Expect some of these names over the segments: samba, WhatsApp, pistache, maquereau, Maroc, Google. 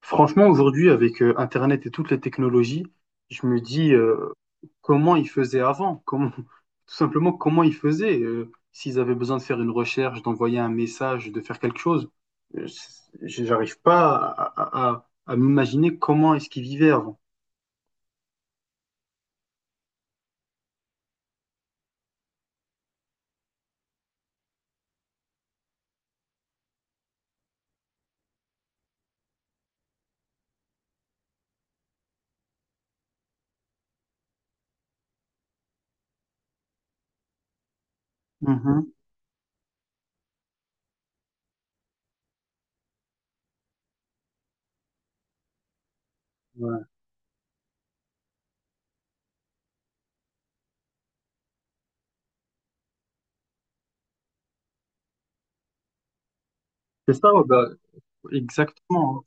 Franchement, aujourd'hui, avec Internet et toutes les technologies, je me dis comment ils faisaient avant, comment, tout simplement comment ils faisaient, s'ils avaient besoin de faire une recherche, d'envoyer un message, de faire quelque chose. Euh, c'est- j'arrive pas à m'imaginer comment est-ce qu'ils vivaient avant. Mhm. Ouais. C'est ça, ouais, bah, exactement.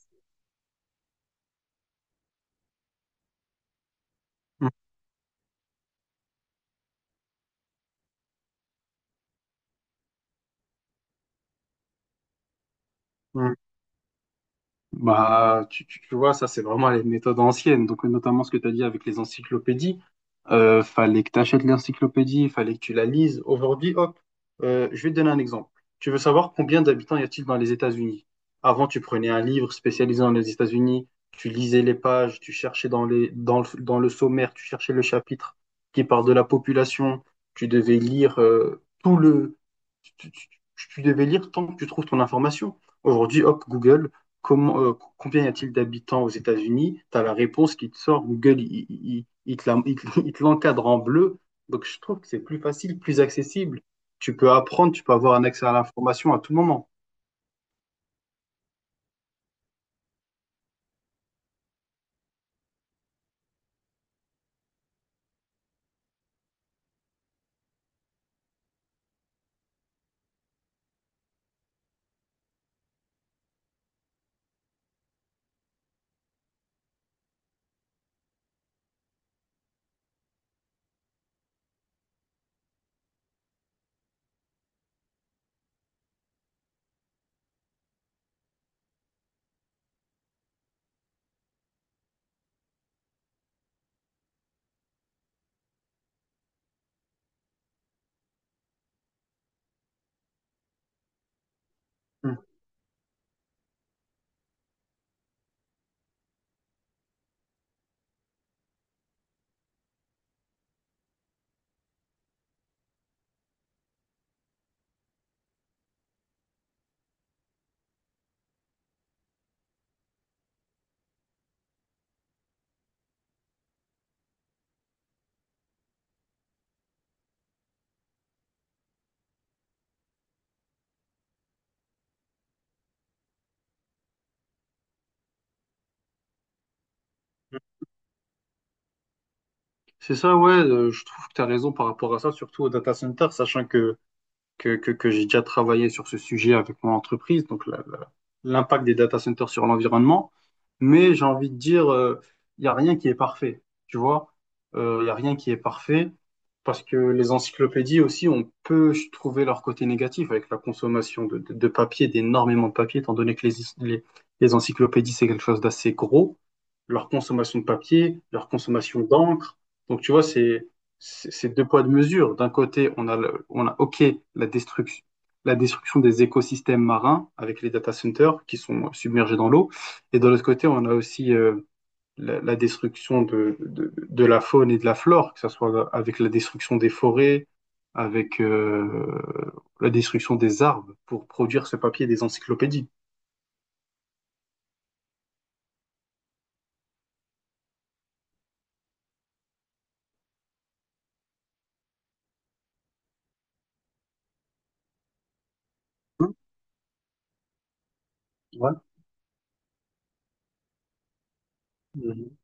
Bah, tu vois, ça, c'est vraiment les méthodes anciennes. Donc, notamment ce que tu as dit avec les encyclopédies. Fallait que tu achètes l'encyclopédie, fallait que tu la lises. Aujourd'hui, hop, je vais te donner un exemple. Tu veux savoir combien d'habitants y a-t-il dans les États-Unis? Avant, tu prenais un livre spécialisé dans les États-Unis, tu lisais les pages, tu cherchais dans le sommaire, tu cherchais le chapitre qui parle de la population. Tu devais lire tout le. Tu, tu- tu- tu devais lire tant que tu trouves ton information. Aujourd'hui, hop, Google, combien y a-t-il d'habitants aux États-Unis? Tu as la réponse qui te sort. Google, il te la- il te l'encadre en bleu. Donc, je trouve que c'est plus facile, plus accessible. Tu peux apprendre, tu peux avoir un accès à l'information à tout moment. Hmm. C'est ça, ouais, je trouve que tu as raison par rapport à ça, surtout au data center, sachant que j'ai déjà travaillé sur ce sujet avec mon entreprise, donc l'impact des data centers sur l'environnement. Mais j'ai envie de dire, il n'y a rien qui est parfait, tu vois. Il n'y a rien qui est parfait parce que les encyclopédies aussi, on peut trouver leur côté négatif avec la consommation de papier, d'énormément de papier, étant donné que les encyclopédies, c'est quelque chose d'assez gros, leur consommation de papier, leur consommation d'encre. Donc, tu vois, c'est deux poids, deux mesures. D'un côté, on a, on a, OK, la destruction, la destruction des écosystèmes marins avec les data centers qui sont submergés dans l'eau. Et de l'autre côté, on a aussi la destruction de la faune et de la flore, que ce soit avec la destruction des forêts, avec la destruction des arbres pour produire ce papier des encyclopédies. Hein. Ouais. Mhm.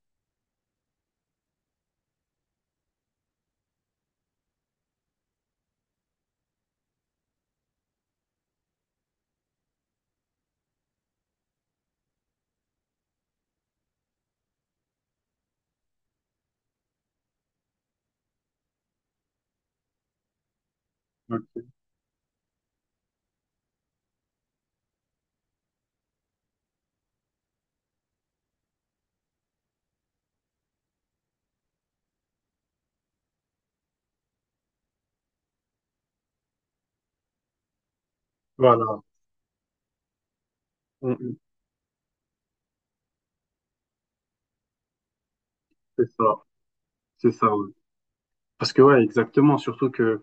Ouais. Voilà, on fait ça. C'est ça, ouais. Parce que ouais, exactement, surtout que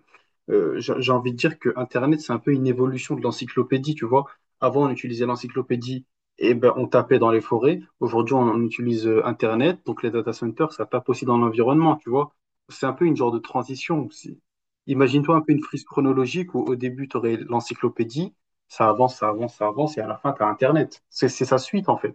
j'ai envie de dire que Internet, c'est un peu une évolution de l'encyclopédie, tu vois. Avant, on utilisait l'encyclopédie et ben on tapait dans les forêts. Aujourd'hui, on utilise Internet, donc les data centers, ça tape aussi dans l'environnement, tu vois. C'est un peu une genre de transition aussi. Imagine-toi un peu une frise chronologique où au début, tu aurais l'encyclopédie, ça avance, ça avance, ça avance, et à la fin, tu as Internet. C'est sa suite, en fait.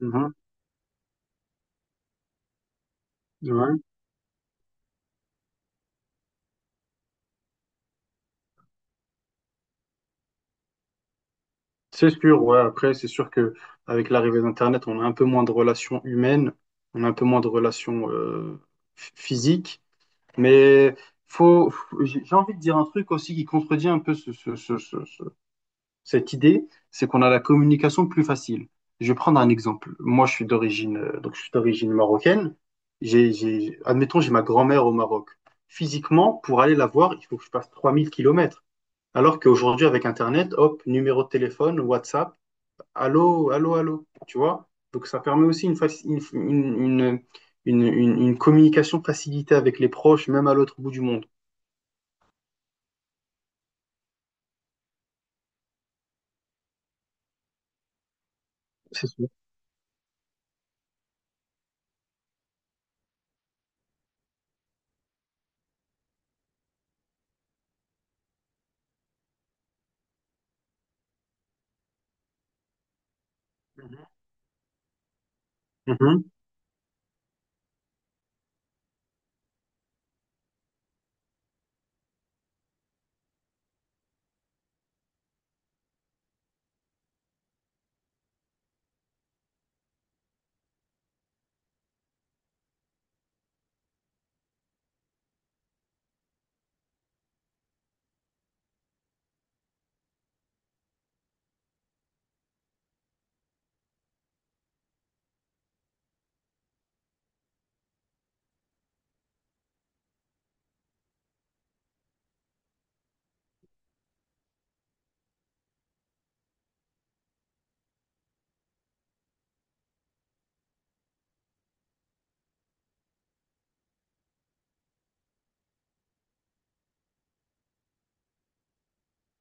Mhm. Ouais. C'est sûr, ouais. Après, c'est sûr que avec l'arrivée d'Internet, on a un peu moins de relations humaines, on a un peu moins de relations physiques. Mais j'ai envie de dire un truc aussi qui contredit un peu cette idée, c'est qu'on a la communication plus facile. Je vais prendre un exemple. Moi, je suis d'origine marocaine. Admettons, j'ai ma grand-mère au Maroc. Physiquement, pour aller la voir, il faut que je passe 3 000 km. Alors qu'aujourd'hui, avec Internet, hop, numéro de téléphone, WhatsApp, allô, allô, allô, tu vois? Donc ça permet aussi une, faci- une communication facilitée avec les proches, même à l'autre bout du monde. C'est sûr. Mhm.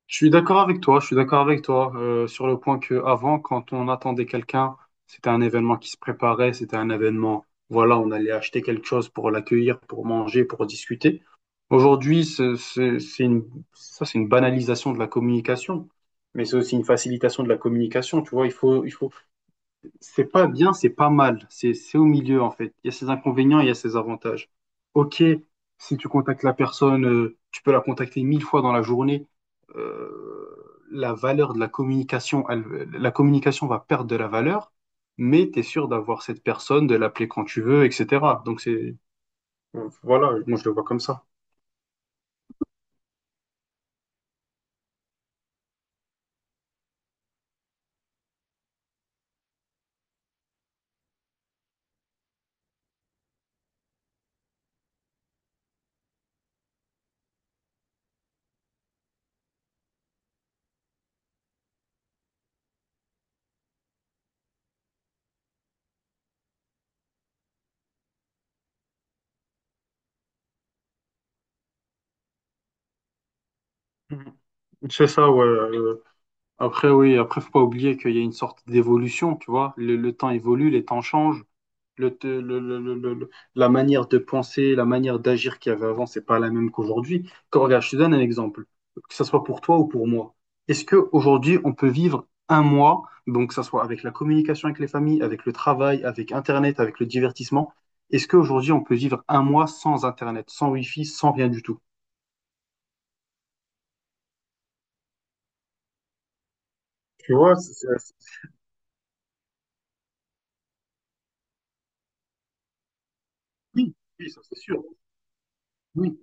Je suis d'accord avec toi, je suis d'accord avec toi sur le point que avant, quand on attendait quelqu'un, c'était un événement qui se préparait, c'était un événement, voilà, on allait acheter quelque chose pour l'accueillir, pour manger, pour discuter. Aujourd'hui, c'est une banalisation de la communication, mais c'est aussi une facilitation de la communication, tu vois. Il faut, c'est pas bien, c'est pas mal. C'est au milieu, en fait. Il y a ses inconvénients, il y a ses avantages. Ok, si tu contactes la personne, tu peux la contacter mille fois dans la journée. euh, la valeur de la communication, la communication va perdre de la valeur, mais tu es sûr d'avoir cette personne, de l'appeler quand tu veux, etc. Donc, c'est, voilà, moi je le vois comme ça. Mhm. C'est ça, ouais. Après, oui, après, faut pas oublier qu'il y a une sorte d'évolution, tu vois. Le temps évolue, les temps changent. La manière de penser, la manière d'agir qu'il y avait avant, c'est pas la même qu'aujourd'hui. Quand regarde, je te donne un exemple, que ce soit pour toi ou pour moi. Est-ce que aujourd'hui on peut vivre un mois, donc que ce soit avec la communication avec les familles, avec le travail, avec Internet, avec le divertissement, est-ce qu'aujourd'hui on peut vivre un mois sans Internet, sans Wi-Fi, sans rien du tout? Tu vois. Oui, oui, ça c'est sûr. Oui.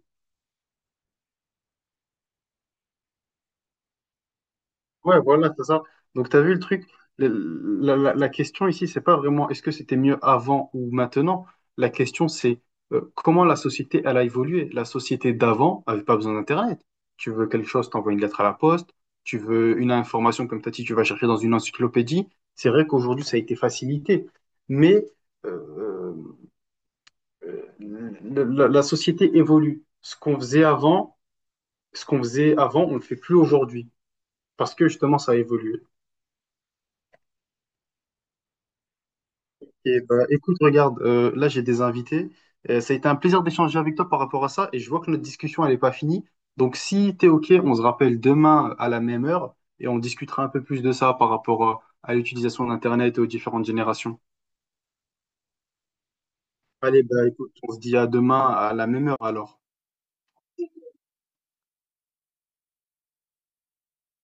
Ouais, voilà, c'est ça. Donc, tu as vu le truc, la- la- la- question ici, c'est pas vraiment est-ce que c'était mieux avant ou maintenant. La question, c'est comment la société, elle a évolué. La société d'avant avait pas besoin d'Internet. Tu veux quelque chose, t'envoies une lettre à la poste. Tu veux une information, comme t'as dit, tu vas chercher dans une encyclopédie. C'est vrai qu'aujourd'hui, ça a été facilité. Mais euh, la société évolue. Ce qu'on faisait avant, ce qu'on faisait avant, on le fait plus aujourd'hui. Parce que justement, ça a évolué. Et, écoute, regarde, là j'ai des invités. Ça a été un plaisir d'échanger avec toi par rapport à ça et je vois que notre discussion elle n'est pas finie. Donc si t'es OK, on se rappelle demain à la même heure et on discutera un peu plus de ça par rapport à l'utilisation d'Internet et aux différentes générations. Allez, bah écoute, on se dit à demain à la même heure alors.